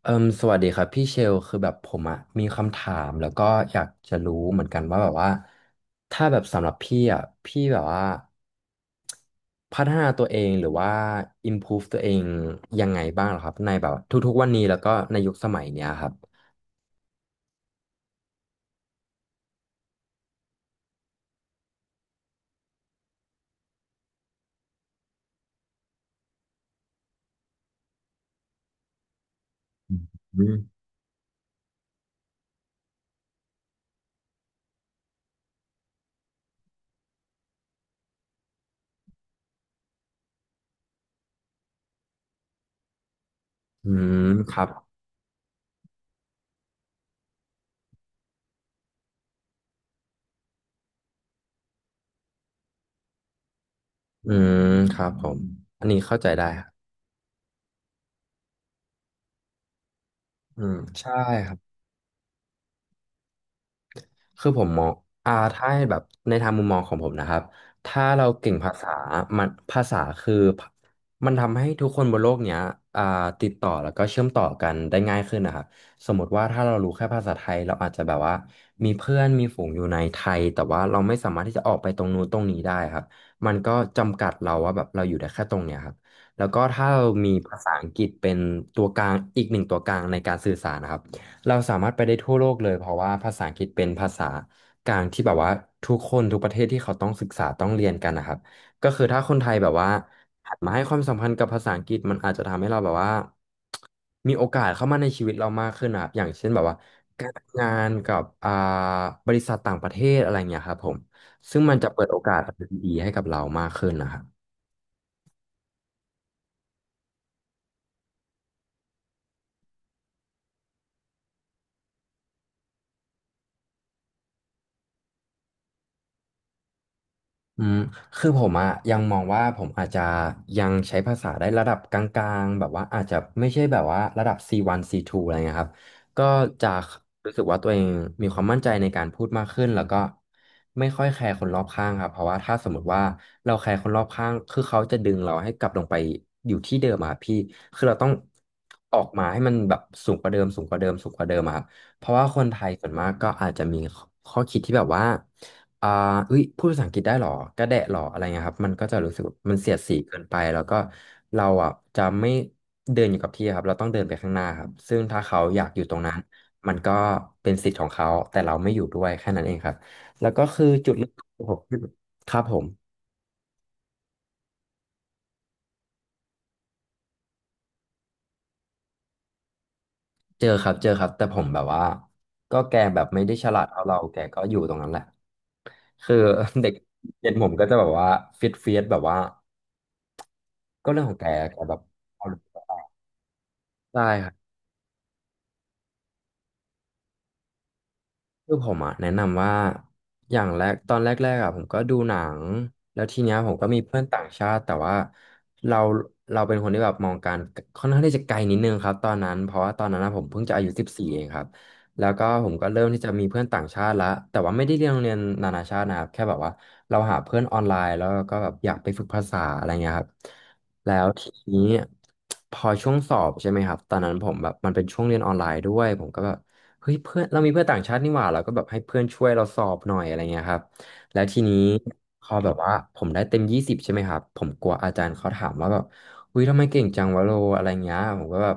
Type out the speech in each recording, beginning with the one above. เอิมสวัสดีครับพี่เชลคือแบบผมอะมีคำถามแล้วก็อยากจะรู้เหมือนกันว่าแบบว่าถ้าแบบสำหรับพี่อะพี่แบบว่าพัฒนาตัวเองหรือว่า improve ตัวเองยังไงบ้างเหรอครับในแบบทุกๆวันนี้แล้วก็ในยุคสมัยเนี้ยครับอืมอืมครับอืมครับผมอันนี้เข้าใจได้ครับอืมใช่ครับ คือผมมองถ้าให้แบบในทางมุมมองของผมนะครับถ้าเราเก่งภาษามันภาษาคือมันทำให้ทุกคนบนโลกเนี้ยอ่าติดต่อแล้วก็เชื่อมต่อกันได้ง่ายขึ้นนะครับสมมติว่าถ้าเรารู้แค่ภาษาไทยเราอาจจะแบบว่ามีเพื่อนมีฝูงอยู่ในไทยแต่ว่าเราไม่สามารถที่จะออกไปตรงนู้นตรงนี้ได้ครับมันก็จำกัดเราว่าแบบเราอยู่ได้แค่ตรงเนี้ยครับแล้วก็ถ้าเรามีภาษาอังกฤษเป็นตัวกลางอีกหนึ่งตัวกลางในการสื่อสารนะครับ เราสามารถไปได้ทั่วโลกเลยเพราะว่าภาษาอังกฤษเป็นภาษากลางที่แบบว่าทุกคนทุกประเทศที่เขาต้องศึกษาต้องเรียนกันนะครับก็คือถ้าคนไทยแบบว่าหันมาให้ความสำคัญกับภาษาอังกฤษมันอาจจะทำให้เราแบบว่ามีโอกาสเข้ามาในชีวิตเรามากขึ้นนะครับอย่างเช่นแบบว่าการทำงานกับบริษัทต่างประเทศอะไรเงี้ยครับผมซึ่งมันจะเปิดโอกาสดีๆให้กับเรามากขึ้นนะครับ อืมคือผมอะยังมองว่าผมอาจจะยังใช้ภาษาได้ระดับกลางๆแบบว่าอาจจะไม่ใช่แบบว่าระดับ C1 C2 อะไรเงี้ยครับก็จะรู้สึกว่าตัวเองมีความมั่นใจในการพูดมากขึ้นแล้วก็ไม่ค่อยแคร์คนรอบข้างครับเพราะว่าถ้าสมมติว่าเราแคร์คนรอบข้างคือเขาจะดึงเราให้กลับลงไปอยู่ที่เดิมอะครับพี่คือเราต้องออกมาให้มันแบบสูงกว่าเดิมสูงกว่าเดิมสูงกว่าเดิมอะครับ เพราะว่าคนไทยส่วนมากก็อาจจะมีข้อคิดที่แบบว่าอ่าอุ้ยพูดภาษาอังกฤษได้หรอกระแดะหรออะไรเงี้ยครับมันก็จะรู้สึกมันเสียดสีเกินไปแล้วก็เราอ่ะจะไม่เดินอยู่กับที่ครับเราต้องเดินไปข้างหน้าครับซึ่งถ้าเขาอยากอยู่ตรงนั้น มันก็เป็นสิทธิ์ของเขา แต่เราไม่อยู่ด้วยแค่นั้นเองครับแล้วก็คือจุดเริ่มต้นของผมที่ครับผม เจอครับเจอครับ แต่ผมแบบว่าก็แกแบบไม่ได้ฉลาดเท่าเรา แกก็อยู่ตรงนั้นแหละ คือ เด็กเรียนผมก็จะแบบว่าฟิตเฟียสแบบว่าก็เรื่องของแกแกแบบเอาได้ครับ คือผมอ่ะแนะนำว่าอย่างแรกตอนแรกๆอ่ะผมก็ดูหนังแล้วทีเนี้ยผมก็มีเพื่อนต่างชาติแต่ว่าเราเป็นคนที่แบบมองการค่อนข้างที่จะไกลนิดนึงครับตอนนั้นเพราะว่าตอนนั้นอะผมเพิ่งจะอายุ14เองครับแล้วก็ผมก็เริ่มที่จะมีเพื่อนต่างชาติละแต่ว่าไม่ได้เรียนโรงเรียนนานาชาตินะครับแค่แบบว่าเราหาเพื่อนออนไลน์แล้วก็แบบอยากไปฝึกภาษาอะไรเงี้ยครับแล้วทีนี้พอช่วงสอบใช่ไหมครับตอนนั้นผมแบบมันเป็นช่วงเรียนออนไลน์ด้วยผมก็แบบ เฮ้ยเพื่อนเรามีเพื่อนต่างชาตินี่หว่าเราก็แบบให้เพื่อนช่วยเราสอบหน่อยอะไรเงี้ยครับแล้วทีนี้พอแบบว่าผมได้เต็มยี่สิบใช่ไหมครับผมกลัวอาจารย์เขาถามว่าแบบอุ้ยทำไมเก่งจังวะโลอะไรเงี้ยผมก็แบบ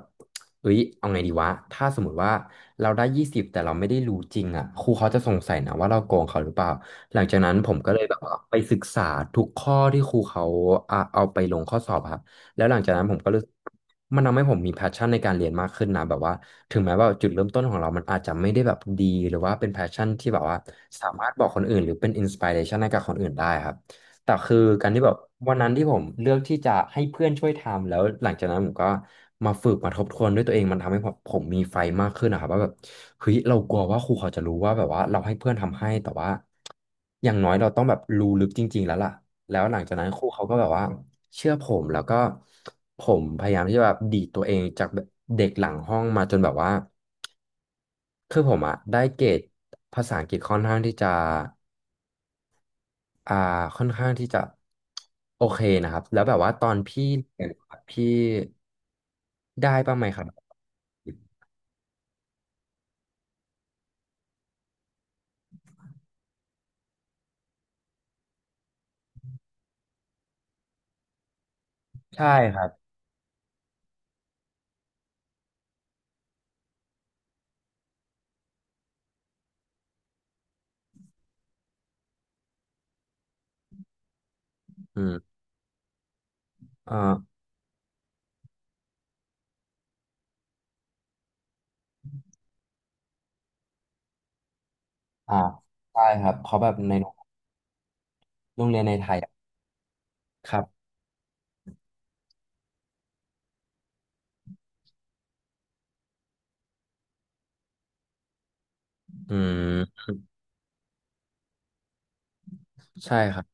เอ้ยเอาไงดีวะถ้าสมมติว่าเราได้ยี่สิบแต่เราไม่ได้รู้จริงอ่ะครูเขาจะสงสัยนะว่าเราโกงเขาหรือเปล่าหลังจากนั้นผมก็เลยแบบว่าไปศึกษาทุกข้อที่ครูเขาอ่ะเอาไปลงข้อสอบครับ แล้วหลังจากนั้นผมก็รู้สึกมันทำให้ผมมี passion ในการเรียนมากขึ้นนะแบบว่าถึงแม้ว่าจุดเริ่มต้นของเรามันอาจจะไม่ได้แบบดีหรือว่าเป็น passion ที่แบบว่าสามารถบอกคนอื่นหรือเป็น inspiration ให้กับคนอื่นได้ครับแต่คือการที่แบบวันนั้นที่ผมเลือกที่จะให้เพื่อนช่วยทำแล้วหลังจากนั้นผมก็มาฝึกมาทบทวนด้วยตัวเองมันทำให้ผมมีไฟมากขึ้นนะครับว่าแบบเฮ้ยเรากลัวว่าครูเขาจะรู้ว่าแบบว่าเราให้เพื่อนทำให้แต่ว่าอย่างน้อยเราต้องแบบรู้ลึกจริงๆแล้วล่ะ แล้วหลังจากนั้นครูเขาก็แบบว่าเชื่อผมแล้วก็ผมพยายามที่จะแบบดีดตัวเองจากแบบเด็กหลังห้องมาจนแบบว่าคือผมอะได้เกรดภาษาอังกฤษค่อนข้างที่จะอ่าค่อนข้างที่จะโอเคนะครับแล้วแบบว่าตอนพี่เรียนอะพี่ได้บ้างไหมครับใช่ครับอืมเอ่ออ่าใช่ครับเพราะแบบในโรงเรียนในไทยอะครับอืมใช่ครับ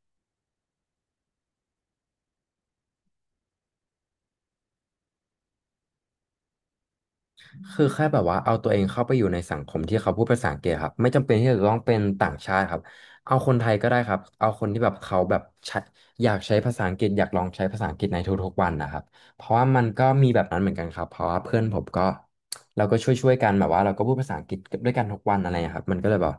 คือแค่แบบว่าเอาตัวเองเข้าไปอยู่ในสังคมที่เขาพูดภาษาอังกฤษครับไม่จำเป็นที่จะต้องเป็นต่างชาติครับเอาคนไทยก็ได้ครับเอาคนที่แบบเขาแบบใช้อยากใช้ภาษาอังกฤษอยากลองใช้ภาษาอังกฤษในทุกๆวันนะครับเพราะว่ามันก็มีแบบนั้นเหมือนกันครับเพราะว่าเพื่อนผมก็เราก็ช่วยๆกันแบบว่าเราก็พูดภาษาอังกฤษด้วยกันทุกวันอะไรอย่างเงี้ยครับมันก็เลยแบบ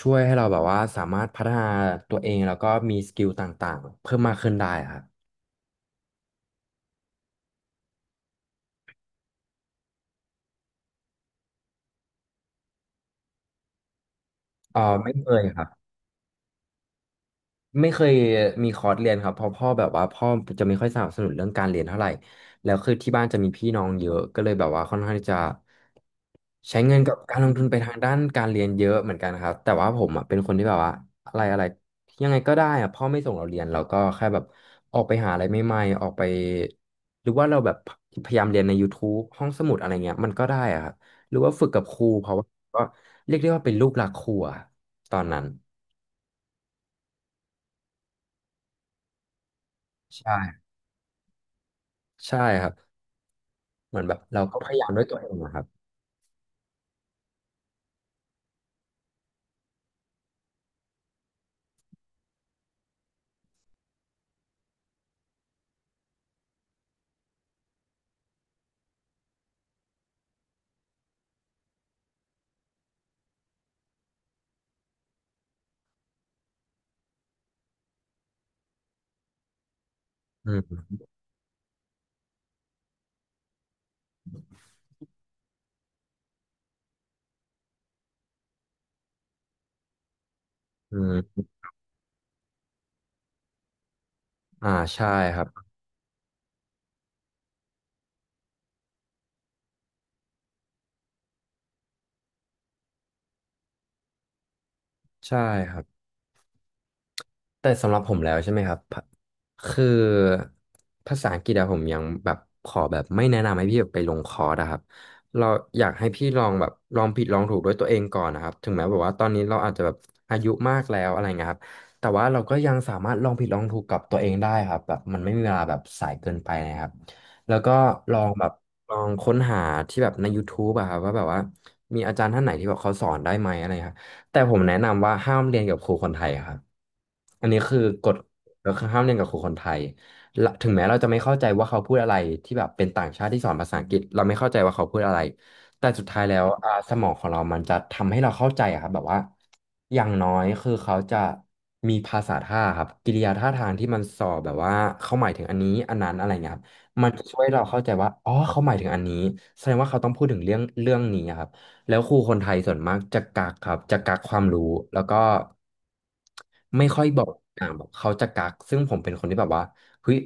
ช่วยให้เราแบบว่าสามารถพัฒนาตัวเองแล้วก็มีสกิลต่างๆเพิ่มมากขึ้นได้ครับอ๋อไม่เคยครับ ไม่เคยมีคอร์สเรียนครับเพราะพ่อแบบว่าพ่อจะไม่ค่อยสนับสนุนเรื่องการเรียนเท่าไหร่แล้วคือที่บ้านจะมีพี่น้องเยอะก็เลยแบบว่าค่อนข้างที่จะใช้เงินกับการลงทุนไปทางด้านการเรียนเยอะเหมือนกันครับแต่ว่าผมอ่ะเป็นคนที่แบบว่าอะไรอะไรยังไงก็ได้อ่ะพ่อไม่ส่งเราเรียนเราก็แค่แบบออกไปหาอะไรใหม่ๆออกไปหรือว่าเราแบบพยายามเรียนในยูทูบห้องสมุดอะไรเงี้ยมันก็ได้อ่ะครับหรือว่าฝึกกับครูเพราะว่าก็เรียกได้ว่าเป็นลูกหลักครูอะตอนนั้นใช่ใช่ครับ เหมือนแบบเราก็พยายามด้วยตัวเองนะครับ อืมอืมอ่าใช่ครับ ใช่ครับ แต่สำหรับผมแล้วใช่ไหมครับพะคือภาษาอังกฤษอะผมยังแบบขอแบบไม่แนะนำให้พี่แบบไปลงคอร์สอะครับเราอยากให้พี่ลองแบบลองผิดลองถูกด้วยตัวเองก่อนนะครับถึงแม้แบบว่าตอนนี้เราอาจจะแบบอายุมากแล้วอะไรเงี้ยครับแต่ว่าเราก็ยังสามารถลองผิดลองถูกกับตัวเองได้ครับแบบมันไม่มีเวลาแบบสายเกินไปนะครับแล้วก็ลองแบบลองค้นหาที่แบบใน YouTube อะครับว่าแบบว่ามีอาจารย์ท่านไหนที่แบบเขาสอนได้ไหมอะไร แต่ผมแนะนำว่าห้ามเรียนกับครูคนไทยครับอันนี้คือกฎก็คือห้ามเรียนกับครูคนไทยละถึงแม้เราจะไม่เข้าใจว่าเขาพูดอะไรที่แบบเป็นต่างชาติที่สอนภาษาอังกฤษเราไม่เข้าใจว่าเขาพูดอะไรแต่สุดท้ายแล้วสมองของเรามันจะทำให้เราเข้าใจอะครับแบบว่าอย่างน้อยคือเขาจะมีภาษาท่าครับกิริยาท่าทางที่มันสอแบบว่าเขาหมายถึงอันนี้อันนั้นอะไรเงี้ยครับมันจะช่วยเราเข้าใจว่าอ๋อเขาหมายถึงอันนี้แสดงว่าเขาต้องพูดถึงเรื่องนี้อะครับ แล้วครูคนไทยส่วนมากจะกักครับจะกักความรู้แล้วก็ไม่ค่อยบอกแบบเขาจะกักซึ่งผมเป็นคนที่แบบว่าเฮ้ย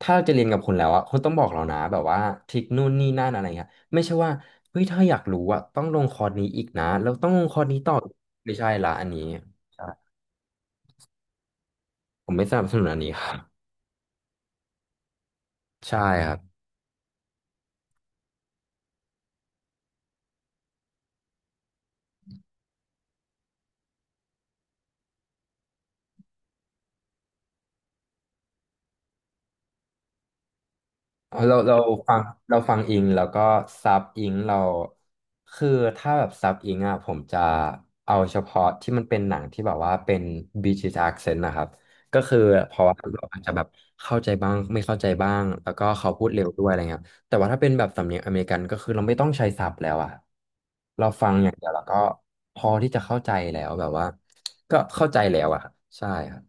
ถ้าเราจะเรียนกับคุณแล้วอ่ะคุณต้องบอกเรานะแบบว่าทริคนู่นนี่นั่นอะไรเงี้ยไม่ใช่ว่าเฮ้ยถ้าอยากรู้อ่ะต้องลงคอร์สนี้อีกนะแล้วต้องลงคอร์สนี้ต่อไม่ใช่ละอันนี้ใช่ผมไม่สนับสนุนอันนี้ครับใช่ครับ อ๋อเราฟังเราฟังอิงแล้วก็ซับอิงเราคือถ้าแบบซับอิงอ่ะผมจะเอาเฉพาะที่มันเป็นหนังที่แบบว่าเป็น British accent นะครับก็คือเพราะว่าเราอาจจะแบบเข้าใจบ้างไม่เข้าใจบ้างแล้วก็เขาพูดเร็วด้วยอะไรเงี้ยแต่ว่าถ้าเป็นแบบสำเนียงอเมริกันก็คือเราไม่ต้องใช้ซับแล้วอ่ะเราฟังอย่างเดียวแล้วก็พอที่จะเข้าใจแล้วแบบว่าก็เข้าใจแล้วอ่ะครับใช่ครับ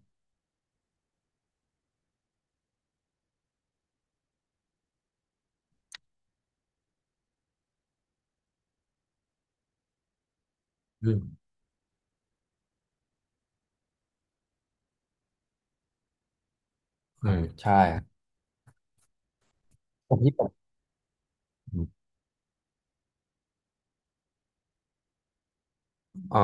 อืมอืมใช่ครับผมที่ผม อ๋อ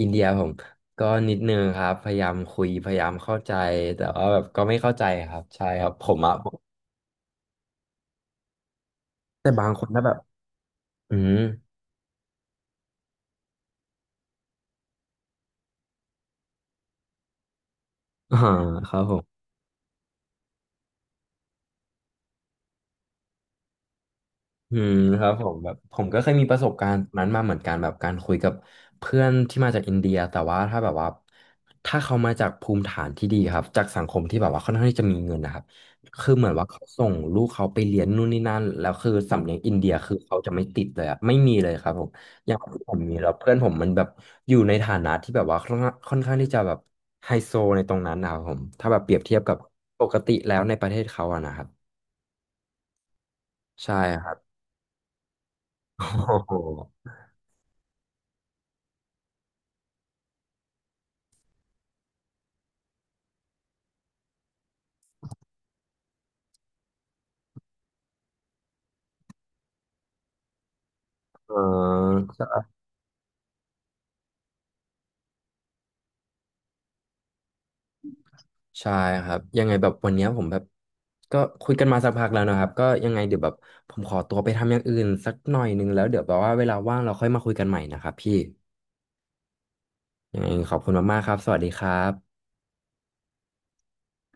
อินเดียผมก็นิดนึงครับพยายามคุยพยายามเข้าใจแต่ว่าแบบก็ไม่เข้าใจครับใช่ครับผมอะแต่บางคนถ้าแบบอืม อ่าครับผม อืมครับผมแบบผมก็เคยมีประสบการณ์นั้นมาเหมือนกันแบบการคุยกับเพื่อนที่มาจากอินเดียแต่ว่าถ้าแบบว่าถ้าเขามาจากภูมิฐานที่ดีครับจากสังคมที่แบบว่าค่อนข้างที่จะมีเงินนะครับคือเหมือนว่าเขาส่งลูกเขาไปเรียนนู่นนี่นั่นแล้วคือสำเนียงอินเดียคือเขาจะไม่ติดเลยอะไม่มีเลยครับผมอย่างผมมีแล้วเพื่อนผมมันแบบอยู่ในฐานะที่แบบว่าค่อนข้างที่จะแบบไฮโซในตรงนั้นนะครับผมถ้าแบบเปรียบเทียบกับปกติแล้วในประเทศเขาอะนะครับใช่ครับโอ้โห อ๋อใช่ครับยังไงแบบวันเนี้ยผมแบบก็คุยกันมาสักพักแล้วนะครับก็ยังไงเดี๋ยวแบบผมขอตัวไปทำอย่างอื่นสักหน่อยนึงแล้วเดี๋ยวแบบว่าเวลาว่างเราค่อยมาคุยกันใหม่นะครับพี่ยังไงขอบคุณมากๆครับสวัสดีครับ